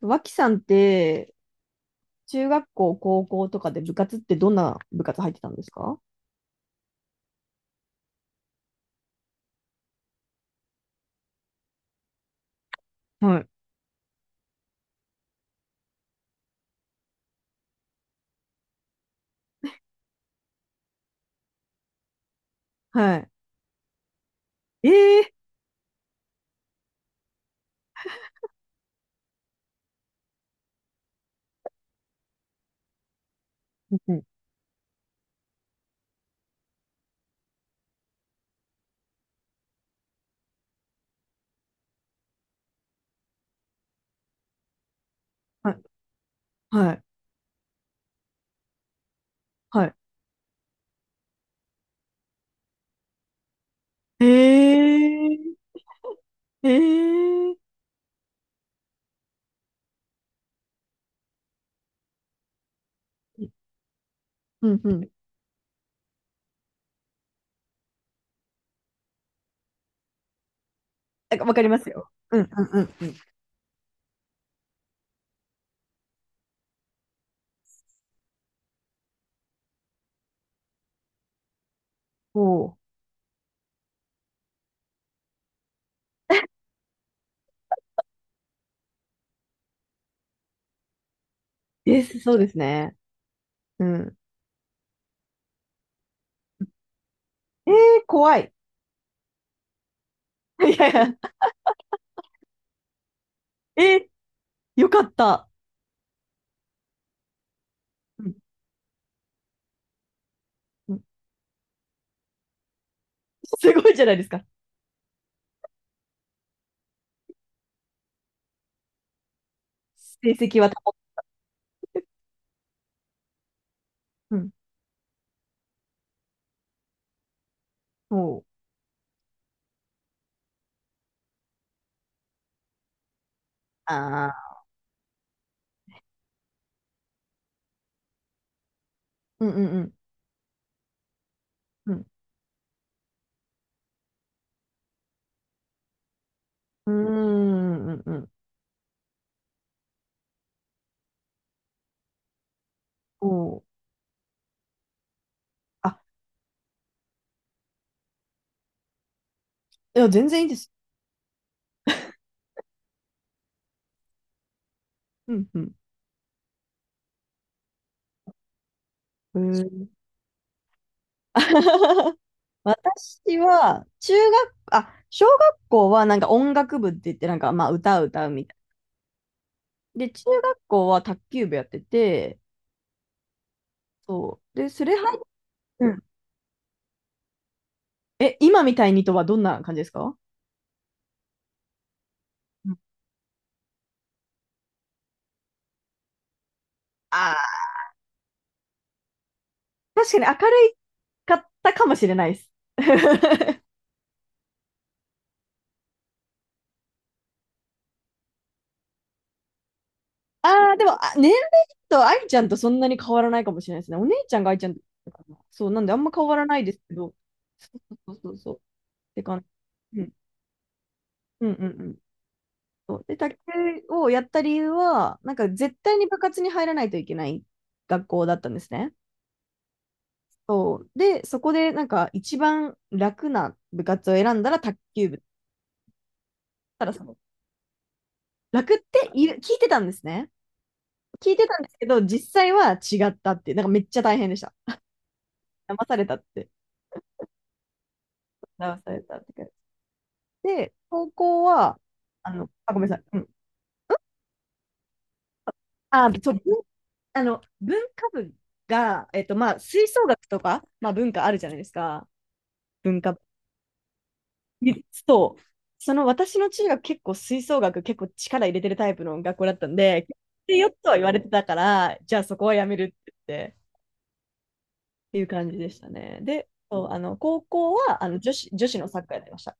脇さんって、中学校、高校とかで部活ってどんな部活入ってたんですか？はいはい。ええ、うんうん、はい、はい、はい。ええええ、うんうん。なんかわかりますよ。うんうんうんうん。おお。です、そうですね。うん。ええ、怖い。いやいや、ええ、よかった。うんうん。すごいじゃないですか。成績は保っ、うん。おお。ああ。うんうんうん。うん。うーんうんうん。おお。あ、いや、全然いいです。うんうん。うん。 私は、中学、あ、小学校はなんか音楽部って言って、なんかまあ歌を歌うみたいな。で、中学校は卓球部やってて、そう。で、それ入っ、うん。え、今みたいにとはどんな感じですか？うん、あー、確かに明るいかったかもしれないです。ああ、でも、あ、年齢と愛ちゃんとそんなに変わらないかもしれないですね。お姉ちゃんが愛ちゃんだったかな、そう、なんであんま変わらないですけど、そうそうそうそう、って感じ。うんうんうんうん。そうで、卓球をやった理由は、なんか絶対に部活に入らないといけない学校だったんですね。そう。で、そこでなんか一番楽な部活を選んだら卓球部。ただその、楽っている、聞いてたんですね。聞いてたんですけど、実際は違ったっていう、なんかめっちゃ大変でした。騙されたって。騙されたって感じ。で、高校は、あの、あ、ごめんなさい。うん。あ、そう、文、あの、文化部が、まあ、吹奏楽とか、まあ、文化あるじゃないですか。文化と、そ、その私の中学結構吹奏楽結構力入れてるタイプの学校だったんで、でよっとは言われてたから、じゃあそこはやめるって言って、っていう感じでしたね。で、そう、あの高校はあの女子、女子のサッカーやってました。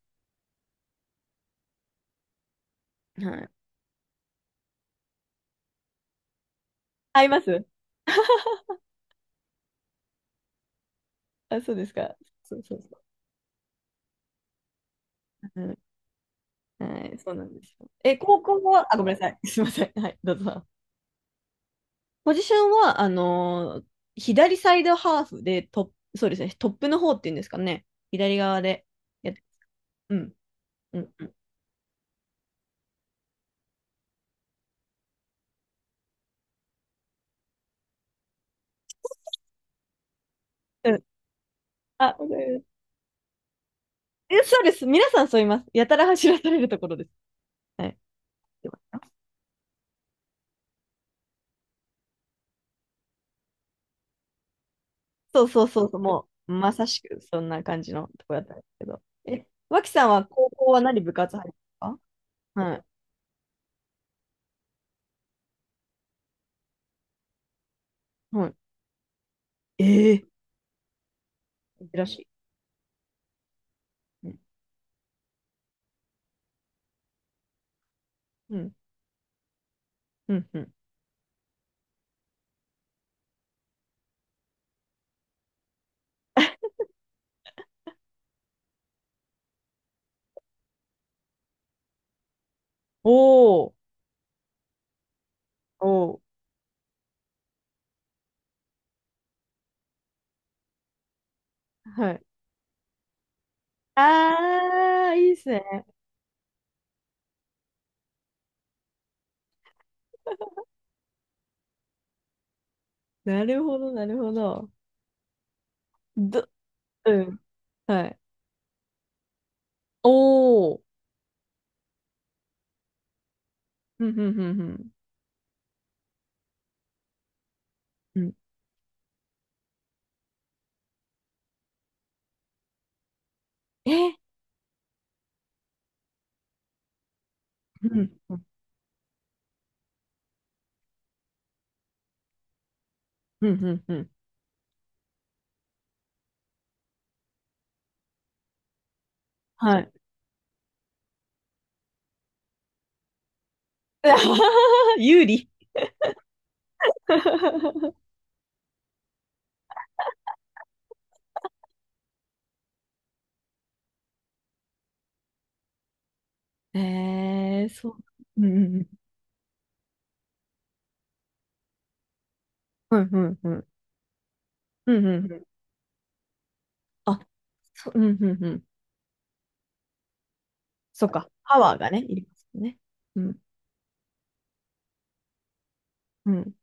はい。合います。あ、そうですか。そうそうそう。うん、はい、そうなんですよ。え、高校は、あ、ごめんなさい。すいません。はい、どうぞ。ポジションは、左サイドハーフでトップ、そうですね、トップの方っていうんですかね。左側でやっ。うん。うんうん。うん、あ、わかります、え、そうです。皆さんそう言います。やたら走らされるところです。はい。そうそうそうそう。もう、まさしくそんな感じのとこだったんですけど。え、脇さんは高校は何部活入ったんですか？はい。はい。ええー、珍しい。うん。うん。うん。うん、おお、おー、はい。ああ、いいっすね。なるほど、なるほど。ど、うん。はい。おお。うん、うん、うん、うん。うん、え、うん、うん、うん、うん。うん、はい。有利。えー、そう。うんうんうん。うんうんうん。うんうんうん。あ、そ、うんうんうん。そっか。パワーがね、いりますよね。うん。うん。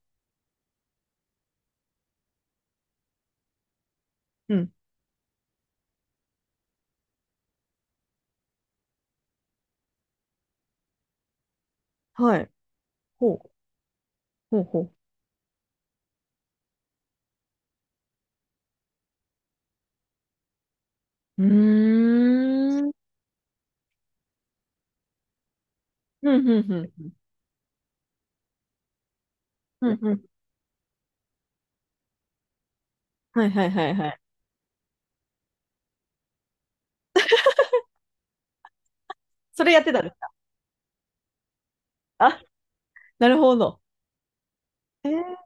うん。はい。ほう。ほうほう。うーん。うんうんうん。うんうん。はいはいはいはい。それやってたんですか？あ、なるほど。えー、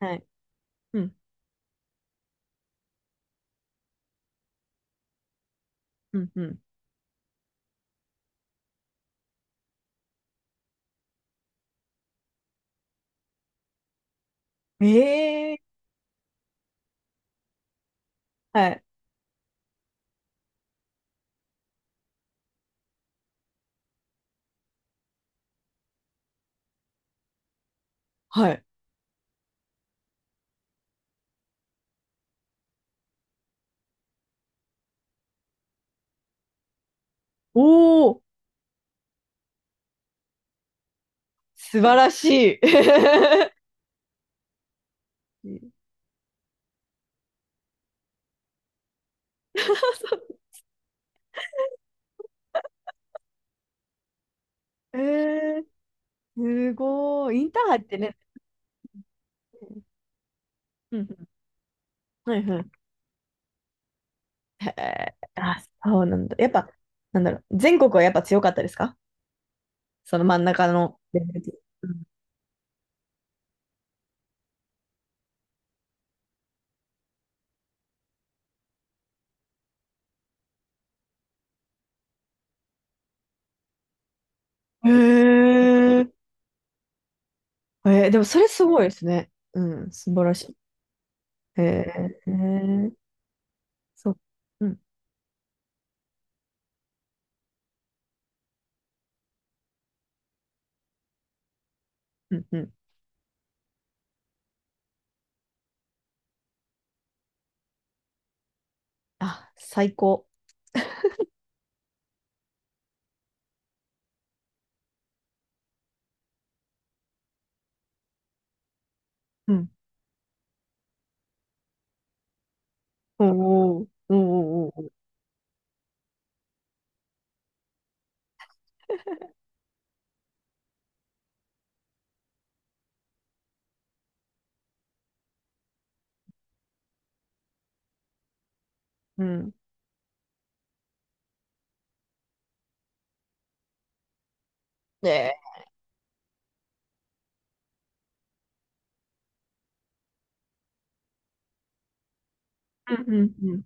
はい。うん。うんうん。えー、はい。はい。おー、素晴らしい。えー、すごい。インターハイってね。うんうん。はいはい。へえ。あ、そうなんだ。やっぱ、なんだろう。全国はやっぱ強かったですか？その真ん中のレベルで。うん、へえ。えー、でもそれすごいですね。うん、素晴らしい。へえ。へえ、そう。うん、うん、うん。あ、最高。うん。おー、おお、ー、おー、おー、うん。ねえ。うん、うん、うん。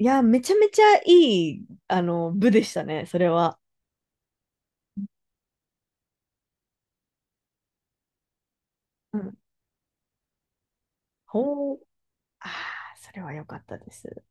いや、めちゃめちゃいい、あの、部でしたね、それは。うん。ほう。ああ、それは良かったです。